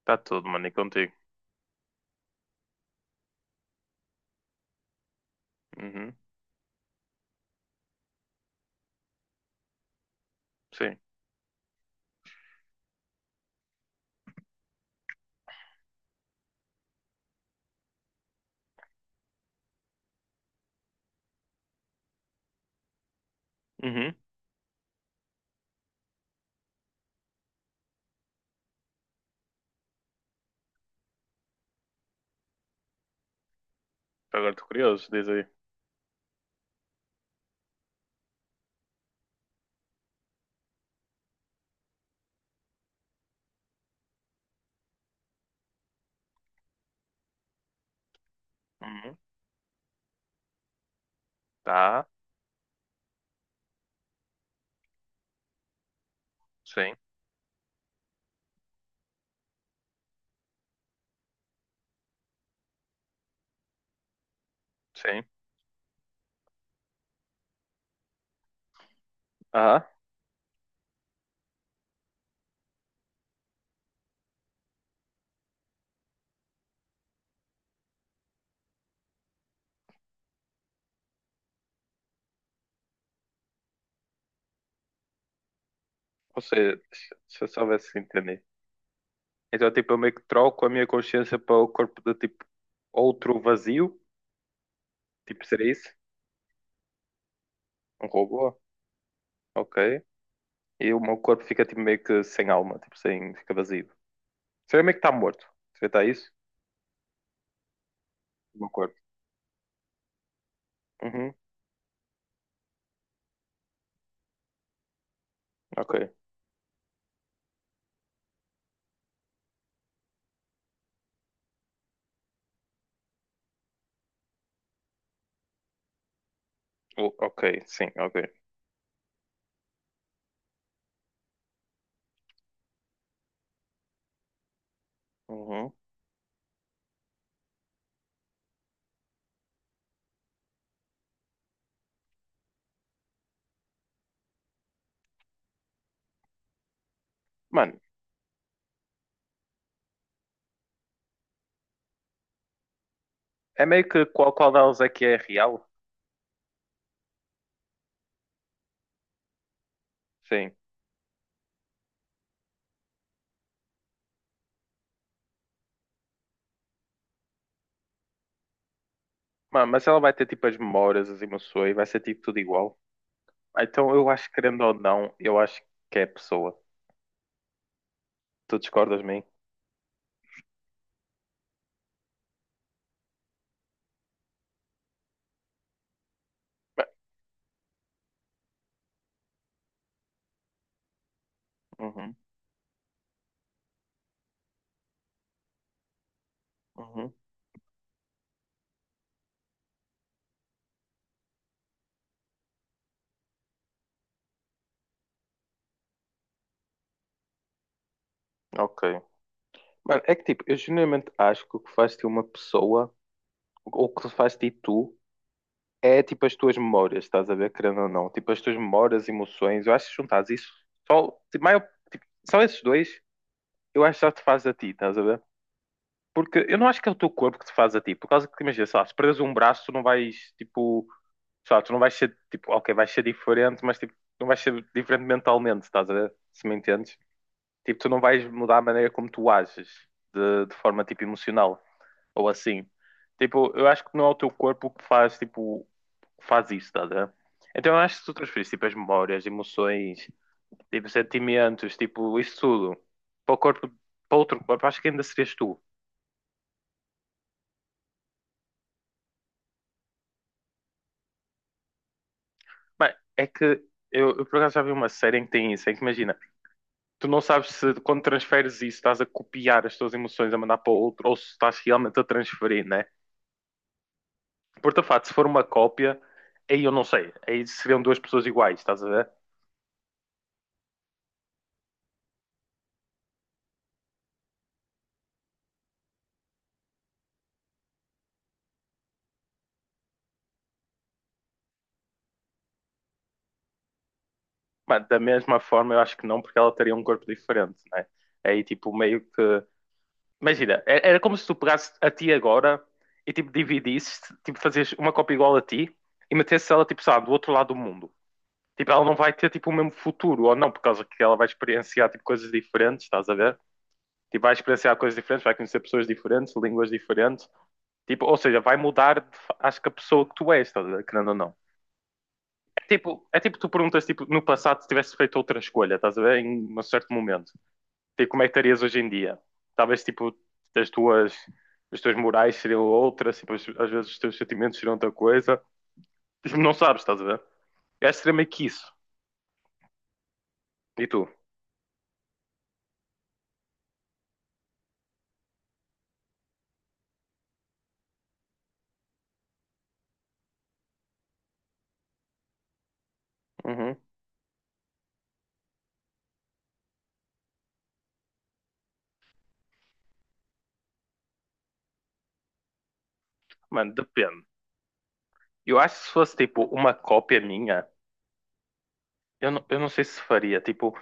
Está tudo, mano, e contigo? Uhum, sim. Uhum. Agora estou curioso, diz aí. Uhum. Tá, sim, sim. Ah, ou seja, se eu soubesse entender. Então, tipo, eu meio que troco a minha consciência para o corpo de, tipo, outro vazio. Tipo, seria isso? Um robô? Ok. E o meu corpo fica, tipo, meio que sem alma, tipo, sem, fica vazio. Seria meio que está morto. Seria tá isso? O meu corpo. Uhum, ok. Ok, sim, ok. Uhum. Mano, é meio que qual, qual delas é que é real? Sim. Mano, mas ela vai ter tipo as memórias, as emoções, vai ser tipo tudo igual. Ah, então eu acho que, querendo ou não, eu acho que é a pessoa. Tu discordas de mim? Uhum, uhum, ok. Mano, é que tipo, eu genuinamente acho que o que faz de uma pessoa, ou o que faz de tu, é tipo as tuas memórias, estás a ver, querendo ou não. Tipo as tuas memórias, emoções, eu acho que juntares isso, só, tipo, maior, tipo, só esses dois, eu acho que já te faz a ti, estás a ver? Porque eu não acho que é o teu corpo que te faz a ti, por causa que, imagina, sei lá, se perdes um braço, tu não vais, tipo, sei lá, tu não vais ser tipo, ok, vais ser diferente, mas tipo, não vais ser diferente mentalmente, estás a ver? Se me entendes? Tipo, tu não vais mudar a maneira como tu ages de forma tipo emocional ou assim. Tipo, eu acho que não é o teu corpo que faz tipo, que faz isso, estás a ver? Então eu acho que se tu transferires tipo as memórias, emoções, tipo sentimentos, tipo isso tudo para o corpo, para outro corpo, acho que ainda serias tu. Mas é que eu por acaso já vi uma série em que tem isso, em que imagina tu não sabes se quando transferes isso estás a copiar as tuas emoções a mandar para o outro ou se estás realmente a transferir, né? Porque, de facto, se for uma cópia, aí eu não sei. Aí seriam duas pessoas iguais, estás a ver? Mas da mesma forma eu acho que não, porque ela teria um corpo diferente, né? Aí tipo meio que. Imagina, era como se tu pegasses a ti agora e tipo dividisses, tipo fazias uma cópia igual a ti e metesses ela tipo, sabe, do outro lado do mundo. Tipo, ela não vai ter tipo o mesmo futuro, ou não, por causa que ela vai experienciar tipo coisas diferentes, estás a ver? Tipo, vai experienciar coisas diferentes, vai conhecer pessoas diferentes, línguas diferentes. Tipo, ou seja, vai mudar, acho que a pessoa que tu és, estás a ver? Querendo ou não. É tipo tu perguntas, tipo, no passado se tivesse feito outra escolha, estás a ver? Em um certo momento. Tipo, como é que estarias hoje em dia? Talvez, tipo, as tuas, as tuas morais seriam outras, tipo, às vezes os teus sentimentos seriam outra coisa. Tipo, não sabes, estás a ver? É extremamente isso. E tu? Uhum. Mano, depende. Eu acho que se fosse, tipo, uma cópia minha, eu não sei se faria. Tipo,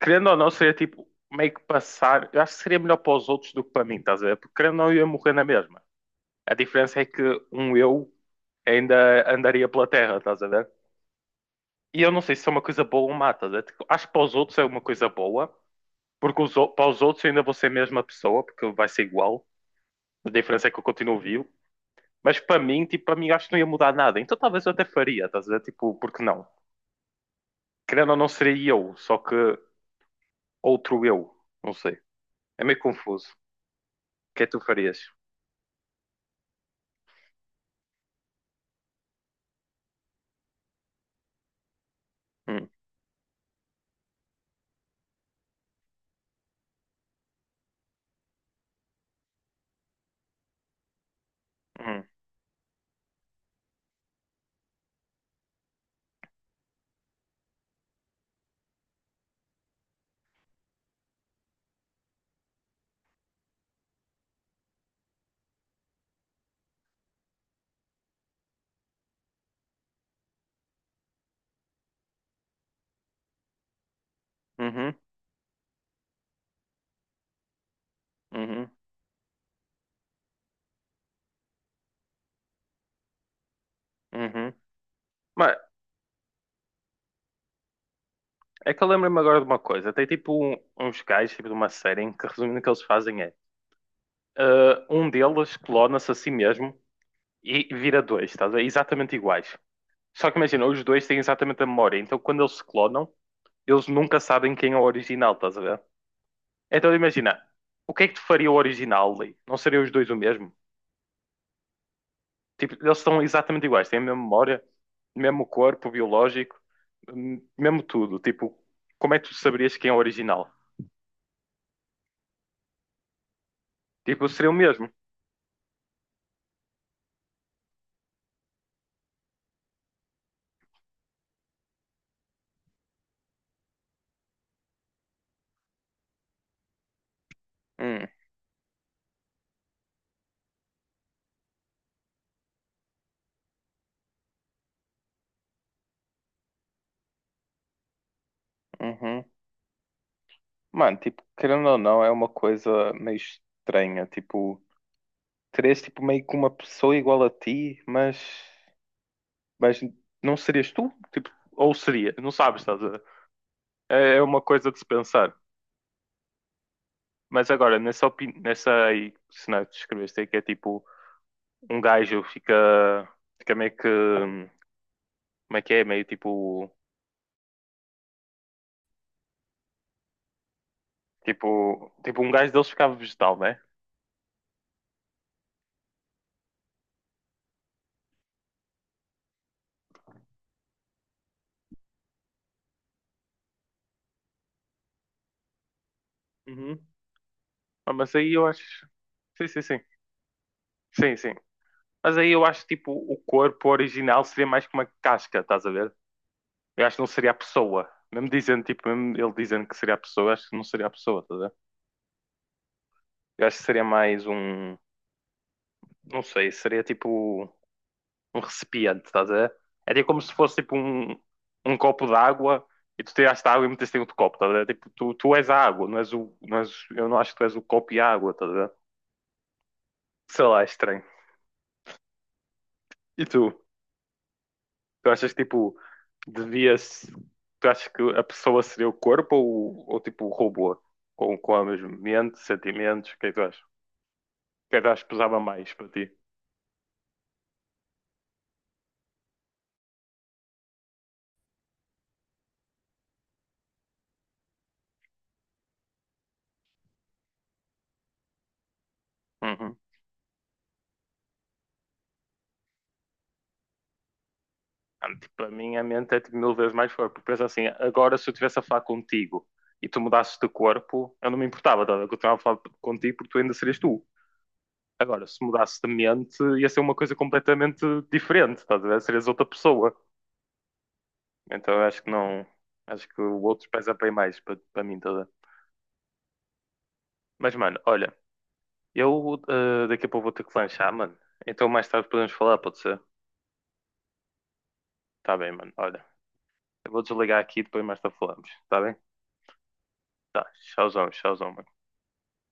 querendo ou não, seria tipo meio que passar. Eu acho que seria melhor para os outros do que para mim, estás a ver? Porque querendo ou não, eu ia morrer na mesma. A diferença é que um eu ainda andaria pela terra, estás a ver? E eu não sei se é uma coisa boa ou má, estás a ver? Tipo, acho que para os outros é uma coisa boa, porque os, para os outros eu ainda vou ser a mesma pessoa, porque vai ser igual. A diferença é que eu continuo vivo. Mas para mim, tipo, para mim eu acho que não ia mudar nada. Então talvez eu até faria, estás a ver? Tipo, porque não? Querendo ou não, seria eu, só que outro eu. Não sei. É meio confuso. O que é que tu farias? Hum, Uhum, uhum, uhum. Mas é que eu lembro-me agora de uma coisa. Tem tipo uns gajos tipo, de uma série em que resumindo o que eles fazem é um deles clona-se a si mesmo e vira dois, estás a ver? Exatamente iguais. Só que imagina, os dois têm exatamente a memória, então quando eles se clonam, eles nunca sabem quem é o original, estás a ver? Então imagina, o que é que te faria o original ali? Não seriam os dois o mesmo? Tipo, eles são exatamente iguais, têm a mesma memória, mesmo corpo biológico, mesmo tudo. Tipo, como é que tu saberias quem é o original? Tipo, seria o mesmo. Hum, uhum. Mano, tipo, querendo ou não, é uma coisa meio estranha. Tipo, terias tipo meio que uma pessoa igual a ti, mas não serias tu? Tipo, ou seria? Não sabes, estás a ver? É uma coisa de se pensar. Mas agora, nessa, nessa aí, cenário que descreveste aí, que é tipo. Um gajo fica, fica meio que, como é que é? Meio tipo, tipo, tipo um gajo deles ficava vegetal, né? Uhum. Ah, mas aí eu acho, sim, sim, sim, sim, sim. Mas aí eu acho tipo o corpo original seria mais que uma casca, estás a ver? Eu acho que não seria a pessoa. Mesmo dizendo, tipo, mesmo ele dizendo que seria a pessoa, eu acho que não seria a pessoa, estás a ver? Eu acho que seria mais um, não sei, seria tipo um recipiente, estás a ver? Era como se fosse tipo um, um copo de água e tu tiraste a água e meteste em outro copo, estás a ver? Tipo, tu és a água, não és o, não és, eu não acho que tu és o copo e a água, estás a ver? Sei lá, é estranho. E tu? Tu achas que tipo, devias. Tu achas que a pessoa seria o corpo ou tipo o robô? Com a mesma mente, sentimentos, o que é que tu achas? O que é que tu achas que pesava mais para ti? Uhum. Para mim a mente é tipo, mil vezes mais forte. Porque pensa assim, agora se eu estivesse a falar contigo e tu mudasses de corpo, eu não me importava, tá? Eu continuava a falar contigo porque tu ainda serias tu. Agora, se mudasses de mente, ia ser uma coisa completamente diferente, estás. Serias outra pessoa. Então eu acho que não. Acho que o outro pesa bem mais para mim, tá? Mas, mano, olha, eu daqui a pouco vou ter que lanchar, mano. Então mais tarde podemos falar, pode ser? Tá bem, mano. Olha, eu vou desligar aqui e depois mais tarde falamos, tá bem? Tá, tchauzão, tchauzão, mano.